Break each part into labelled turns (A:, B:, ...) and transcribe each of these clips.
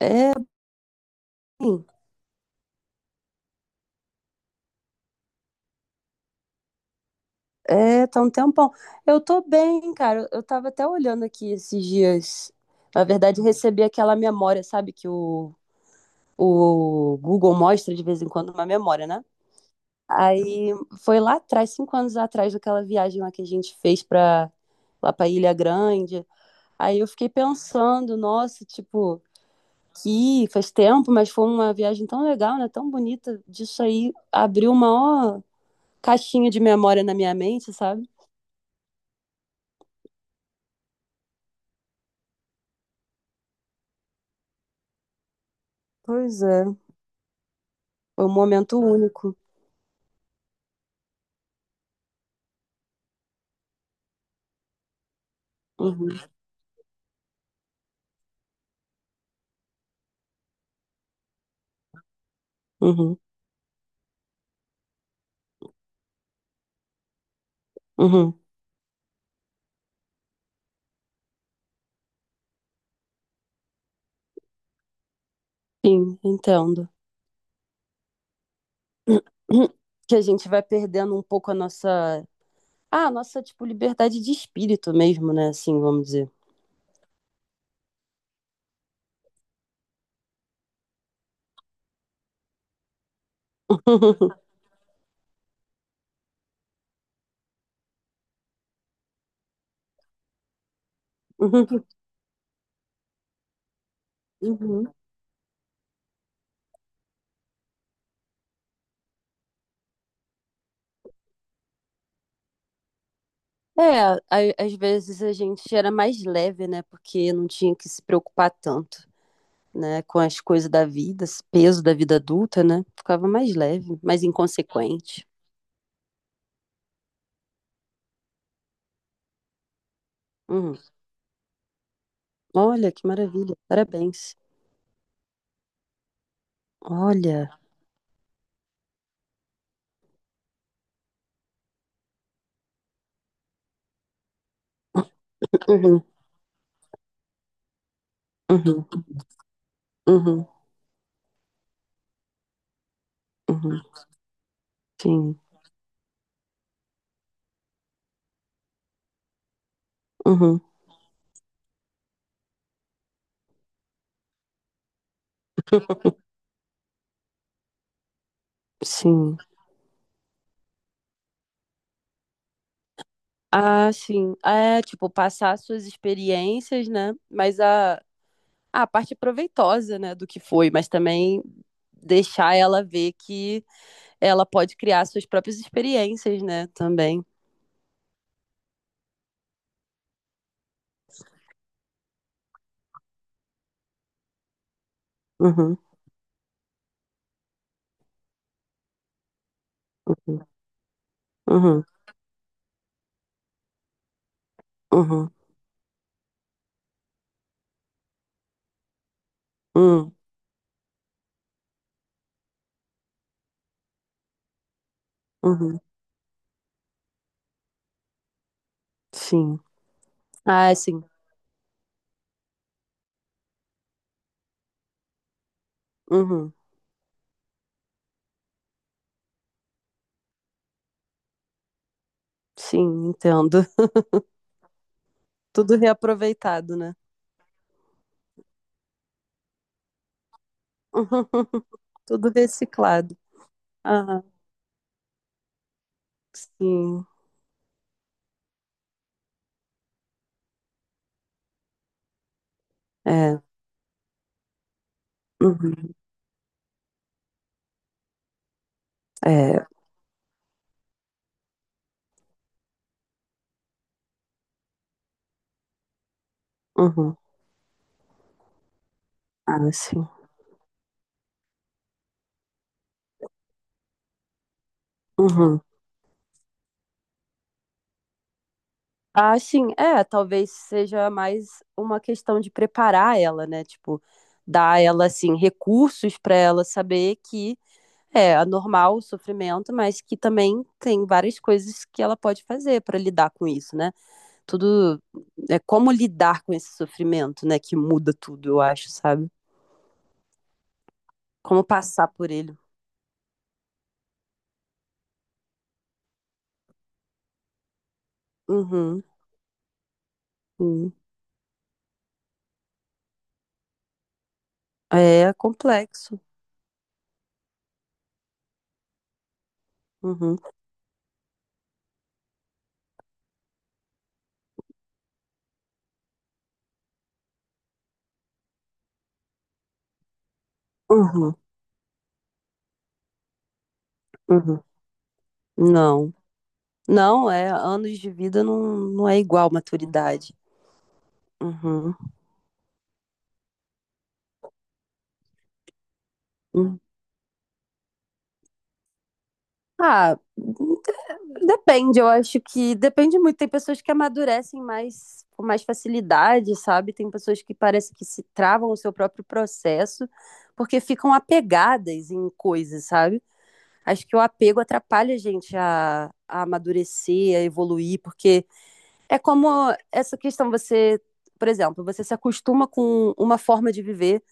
A: É, bem, é, tá um tempão. Eu tô bem, cara. Eu tava até olhando aqui esses dias. Na verdade, recebi aquela memória, sabe? Que o Google mostra de vez em quando uma memória, né? Aí foi lá atrás, 5 anos atrás, daquela viagem lá que a gente fez lá pra Ilha Grande. Aí eu fiquei pensando, nossa, tipo, que faz tempo, mas foi uma viagem tão legal, né? Tão bonita. Disso aí abriu uma ó, caixinha de memória na minha mente, sabe? Pois é. Foi um momento único. Uhum, uhum, uhum. Sim, entendo. Que a gente vai perdendo um pouco a nossa, ah, a nossa, tipo, liberdade de espírito mesmo, né? Assim, vamos dizer. Uhum. É, às vezes a gente era mais leve, né? Porque não tinha que se preocupar tanto, né? Com as coisas da vida, esse peso da vida adulta, né? Ficava mais leve, mais inconsequente. Uhum. Olha, que maravilha. Parabéns. Olha. Uhum, uhum, uhum, uhum. Sim. Uhum, sim. Ah, sim. É, tipo, passar suas experiências, né? Mas a parte proveitosa, né, do que foi, mas também deixar ela ver que ela pode criar suas próprias experiências, né, também. Uhum, uhum, uhum, uhum, uhum, sim. Ah, sim. Uhum, sim, entendo. Tudo reaproveitado, né? Uhum, tudo reciclado. Ah, sim. É, uhum, é, uhum. Ah, sim. Uhum. Ah, sim, é, talvez seja mais uma questão de preparar ela, né? Tipo, dar a ela assim recursos para ela saber que é anormal o sofrimento, mas que também tem várias coisas que ela pode fazer para lidar com isso, né? Tudo é como lidar com esse sofrimento, né, que muda tudo, eu acho, sabe? Como passar por ele. Uhum. Uhum. É complexo. Uhum. Uhum. Uhum. Não. Não, é, anos de vida não, não é igual maturidade. Uhum. Hum. Ah, de- Depende, eu acho que depende muito. Tem pessoas que amadurecem mais com mais facilidade, sabe? Tem pessoas que parece que se travam o seu próprio processo porque ficam apegadas em coisas, sabe? Acho que o apego atrapalha a gente a amadurecer, a evoluir, porque é como essa questão, você, por exemplo, você se acostuma com uma forma de viver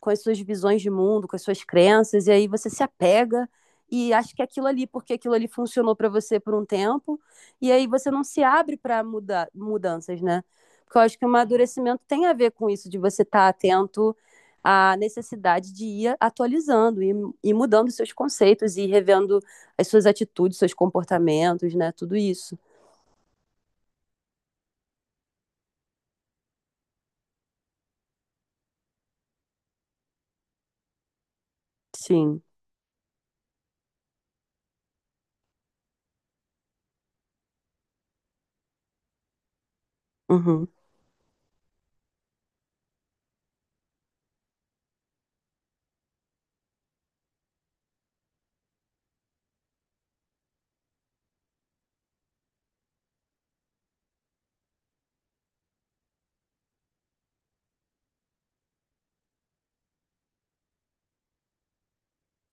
A: com as suas visões de mundo, com as suas crenças, e aí você se apega e acha que é aquilo ali, porque aquilo ali funcionou para você por um tempo, e aí você não se abre para mudanças, né? Porque eu acho que o amadurecimento tem a ver com isso, de você estar tá atento à necessidade de ir atualizando e mudando seus conceitos e revendo as suas atitudes, seus comportamentos, né? Tudo isso. Sim. Uhum.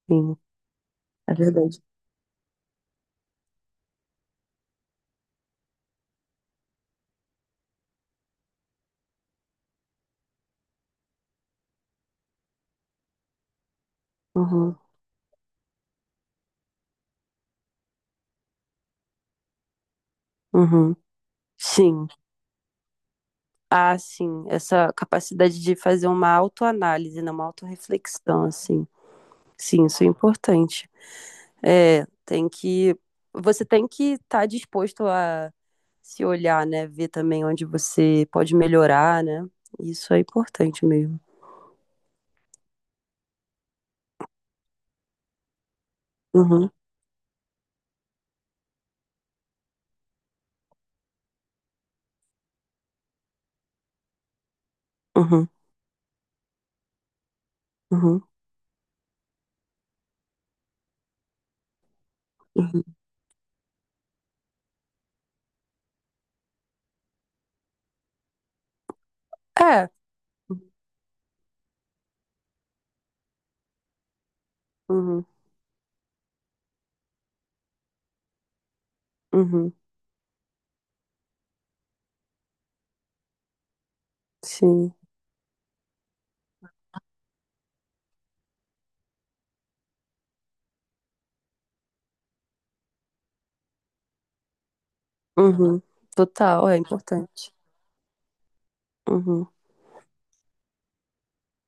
A: Sim. Uhum. Uhum. Sim. Ah, sim, essa capacidade de fazer uma autoanálise, né, uma autorreflexão, assim. Sim, isso é importante. É, tem que. Você tem que estar disposto a se olhar, né? Ver também onde você pode melhorar, né? Isso é importante mesmo. Uhum, uhum, uhum, uhum. É. Uhum, uhum, sim. Uhum. Total, é importante. Uhum,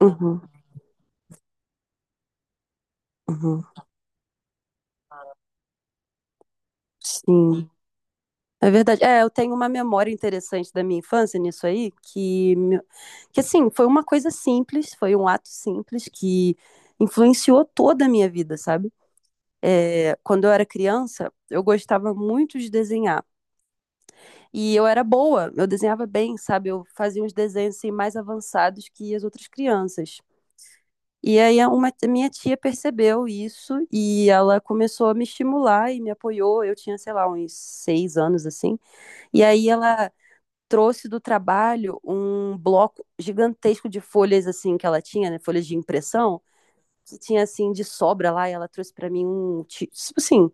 A: uhum, uhum. Sim. É verdade. É, eu tenho uma memória interessante da minha infância nisso aí, que assim, foi uma coisa simples, foi um ato simples que influenciou toda a minha vida, sabe? É, quando eu era criança, eu gostava muito de desenhar. E eu era boa, eu desenhava bem, sabe? Eu fazia uns desenhos assim, mais avançados que as outras crianças. E aí a minha tia percebeu isso e ela começou a me estimular e me apoiou. Eu tinha, sei lá, uns 6 anos assim. E aí ela trouxe do trabalho um bloco gigantesco de folhas assim que ela tinha, né, folhas de impressão, que tinha assim de sobra lá, e ela trouxe para mim um, tipo assim,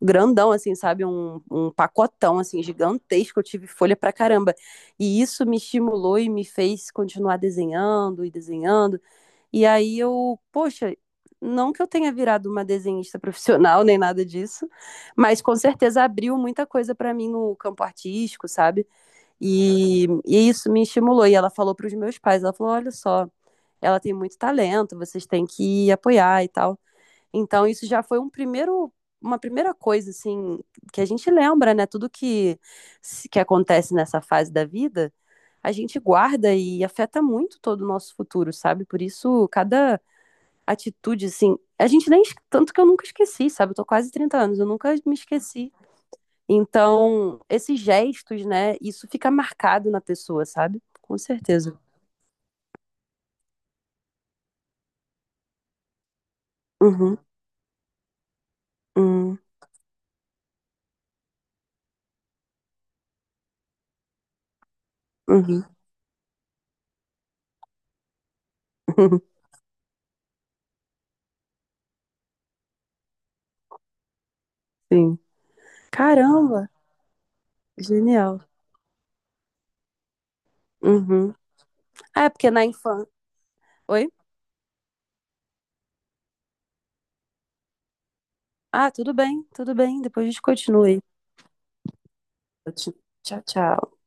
A: grandão assim, sabe, um pacotão assim gigantesco, eu tive folha pra caramba. E isso me estimulou e me fez continuar desenhando e desenhando. E aí eu, poxa, não que eu tenha virado uma desenhista profissional nem nada disso, mas com certeza abriu muita coisa pra mim no campo artístico, sabe? E isso me estimulou. E ela falou para os meus pais, ela falou, olha só, ela tem muito talento, vocês têm que apoiar e tal. Então isso já foi um primeiro uma primeira coisa assim que a gente lembra, né? Tudo que acontece nessa fase da vida, a gente guarda e afeta muito todo o nosso futuro, sabe? Por isso cada atitude assim, a gente nem tanto que eu nunca esqueci, sabe? Eu tô quase 30 anos, eu nunca me esqueci então, esses gestos, né, isso fica marcado na pessoa, sabe? Com certeza. Uhum, uhum, uhum, uhum, sim. Caramba, genial. Uhum. Ah, é porque na infância. Oi? Ah, tudo bem, tudo bem. Depois a gente continua aí. Tchau, tchau.